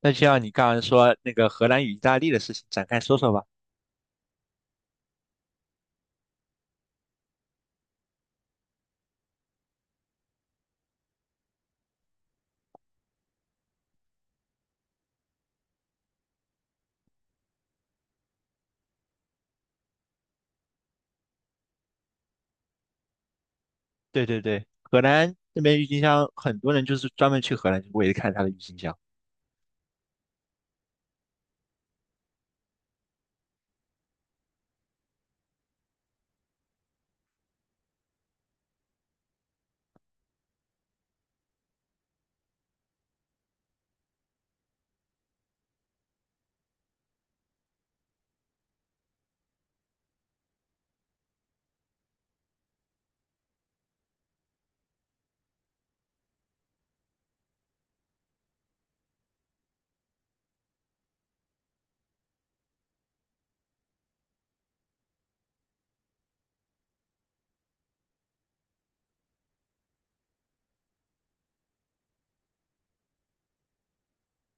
那就像你刚刚说那个荷兰与意大利的事情，展开说说吧。对对对，荷兰那边郁金香，很多人就是专门去荷兰为了看它的郁金香。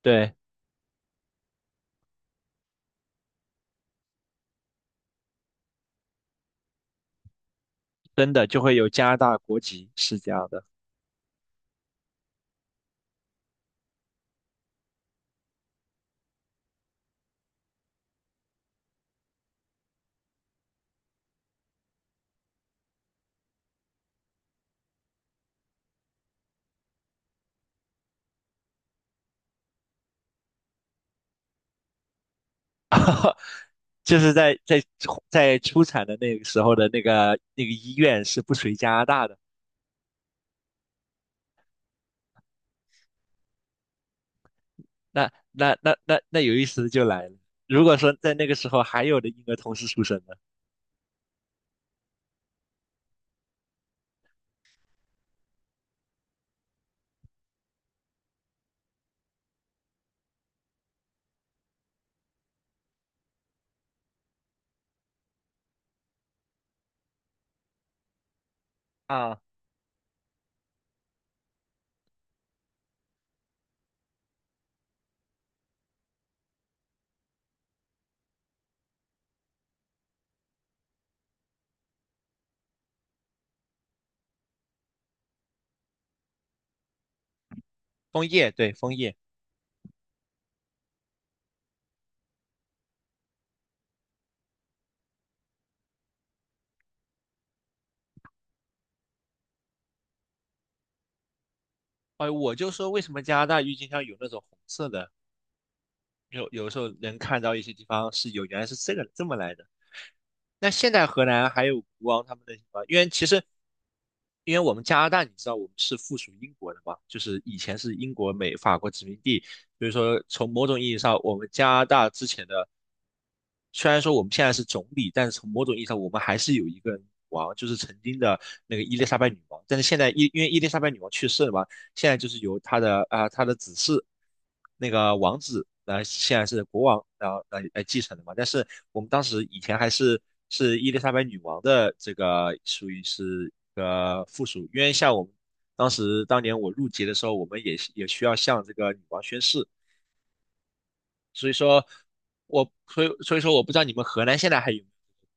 对，真的就会有加拿大国籍，是这样的。就是在出产的那个时候的那个医院是不属于加拿大的。那有意思的就来了，如果说在那个时候还有的婴儿同时出生的啊，枫叶，对，枫叶。哎，我就说为什么加拿大郁金香有那种红色的有时候能看到一些地方是有原来是这个这么来的。那现在荷兰还有国王他们那些地方，因为我们加拿大，你知道我们是附属英国的嘛，就是以前是英国、美、法国殖民地，所以说从某种意义上，我们加拿大之前的虽然说我们现在是总理，但是从某种意义上，我们还是有一个女王，就是曾经的那个伊丽莎白女王。但是现在因为伊丽莎白女王去世了嘛，现在就是由他的子嗣那个王子，现在是国王，然后来继承的嘛。但是我们当时以前还是伊丽莎白女王的这个属于是一个附属，因为像我们当年我入籍的时候，我们也需要向这个女王宣誓，所以说我不知道你们荷兰现在还有没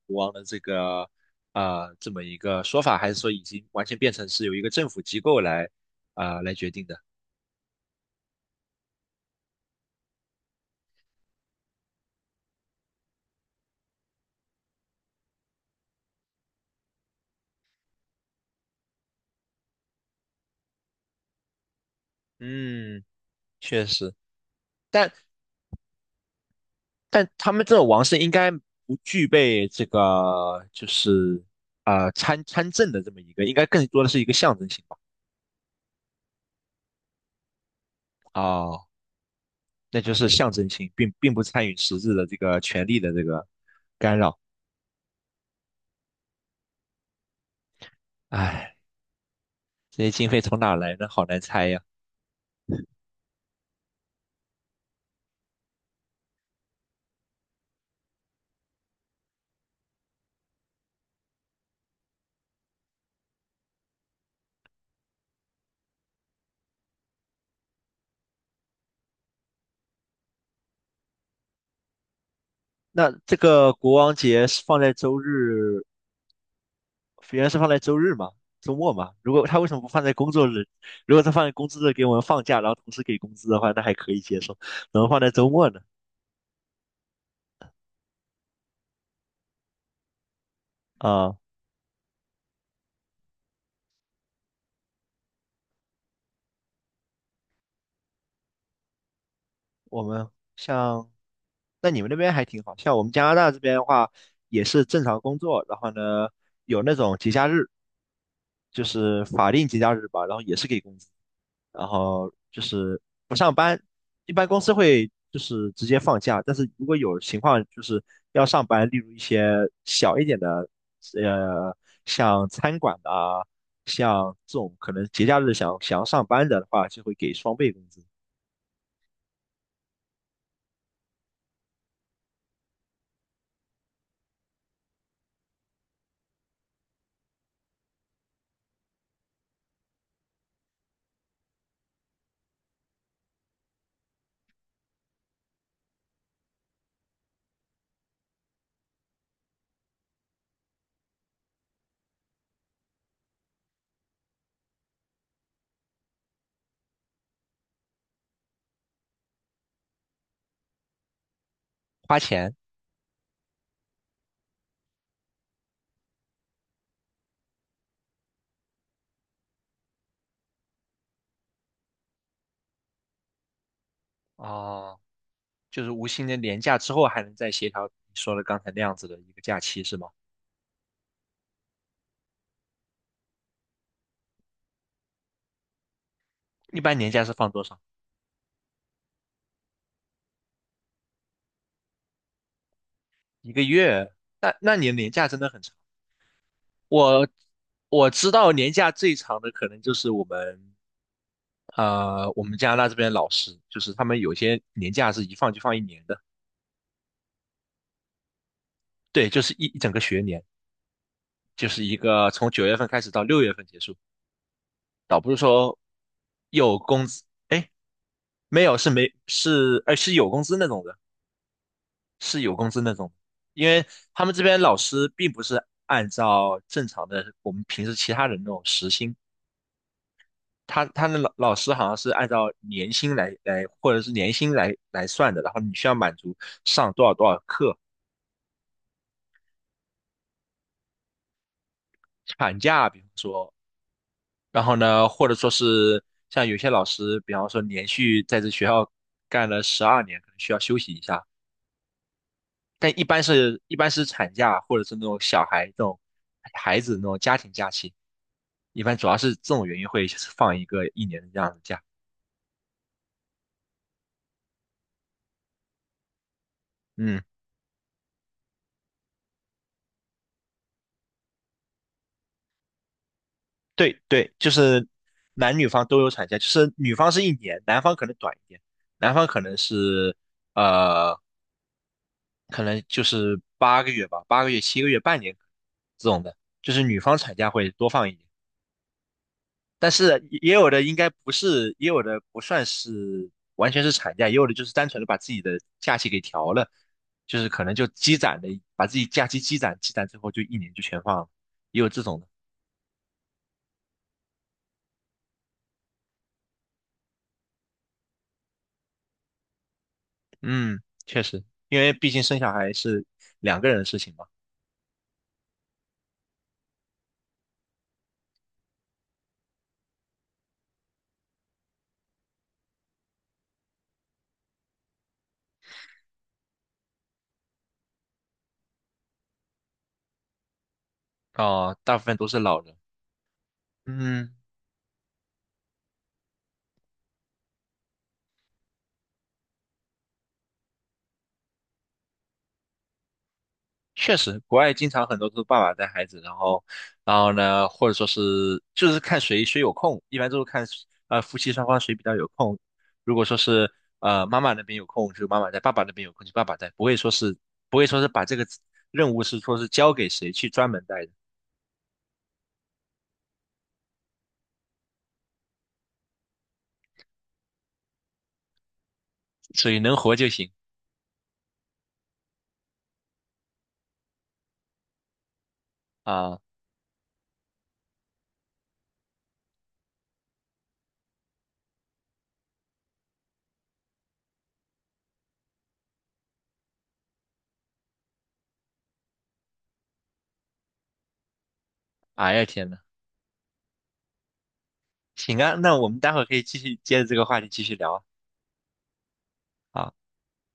有国王的这么一个说法，还是说已经完全变成是由一个政府机构来决定的？嗯。确实，但但他们这种王室应该不具备这个就是参政的这么一个，应该更多的是一个象征性吧。哦，那就是象征性，并不参与实质的这个权力的这个干扰。唉，这些经费从哪来呢？好难猜呀。那这个国王节是放在周日，原来是放在周日嘛？周末嘛？如果他为什么不放在工作日？如果他放在工作日给我们放假，然后同时给工资的话，那还可以接受，怎么放在周末呢？啊，我们像，那你们那边还挺好，像我们加拿大这边的话，也是正常工作，然后呢，有那种节假日，就是法定节假日吧，然后也是给工资，然后就是不上班，一般公司会就是直接放假，但是如果有情况就是要上班，例如一些小一点的，呃，像餐馆的啊，像这种可能节假日想要上班的话，就会给双倍工资，花钱。哦。就是无薪的年假之后还能再协调你说的刚才那样子的一个假期是吗？一般年假是放多少？一个月？那你的年假真的很长。我我知道年假最长的可能就是我们加拿大这边的老师，就是他们有些年假是一放就放一年的，对，就是一整个学年，就是一个从9月份开始到6月份结束，倒不是说有工资，哎，没有是没是，呃是有工资那种的。是有工资那种，因为他们这边老师并不是按照正常的我们平时其他人那种时薪，他的老师好像是按照年薪来或者是年薪来算的，然后你需要满足上多少多少课，产假比方说，然后呢或者说是像有些老师，比方说连续在这学校干了12年，可能需要休息一下，但一般是产假或者是那种小孩这种孩子那种家庭假期，一般主要是这种原因会放一个一年的这样的假。嗯，对对，就是男女方都有产假，就是女方是一年，男方可能短一点，男方可能呃，就是八个月吧，八个月、7个月、半年这种的，就是女方产假会多放一年。但是也有的应该不是，也有的不算是完全是产假，也有的就是单纯的把自己的假期给调了，就是可能就积攒的，把自己假期积攒积攒之后，就一年就全放了，也有这种的。嗯，确实，因为毕竟生小孩是两个人的事情嘛，哦，大部分都是老人。嗯。确实，国外经常很多都是爸爸带孩子，然后呢，或者说是就是看谁谁有空，一般都是看夫妻双方谁比较有空。如果说是妈妈那边有空，就妈妈带；爸爸那边有空，就爸爸带，不会说是把这个任务是说是交给谁去专门带的，所以能活就行啊！哎呀天呐，行啊，那我们待会儿可以继续接着这个话题继续聊啊。好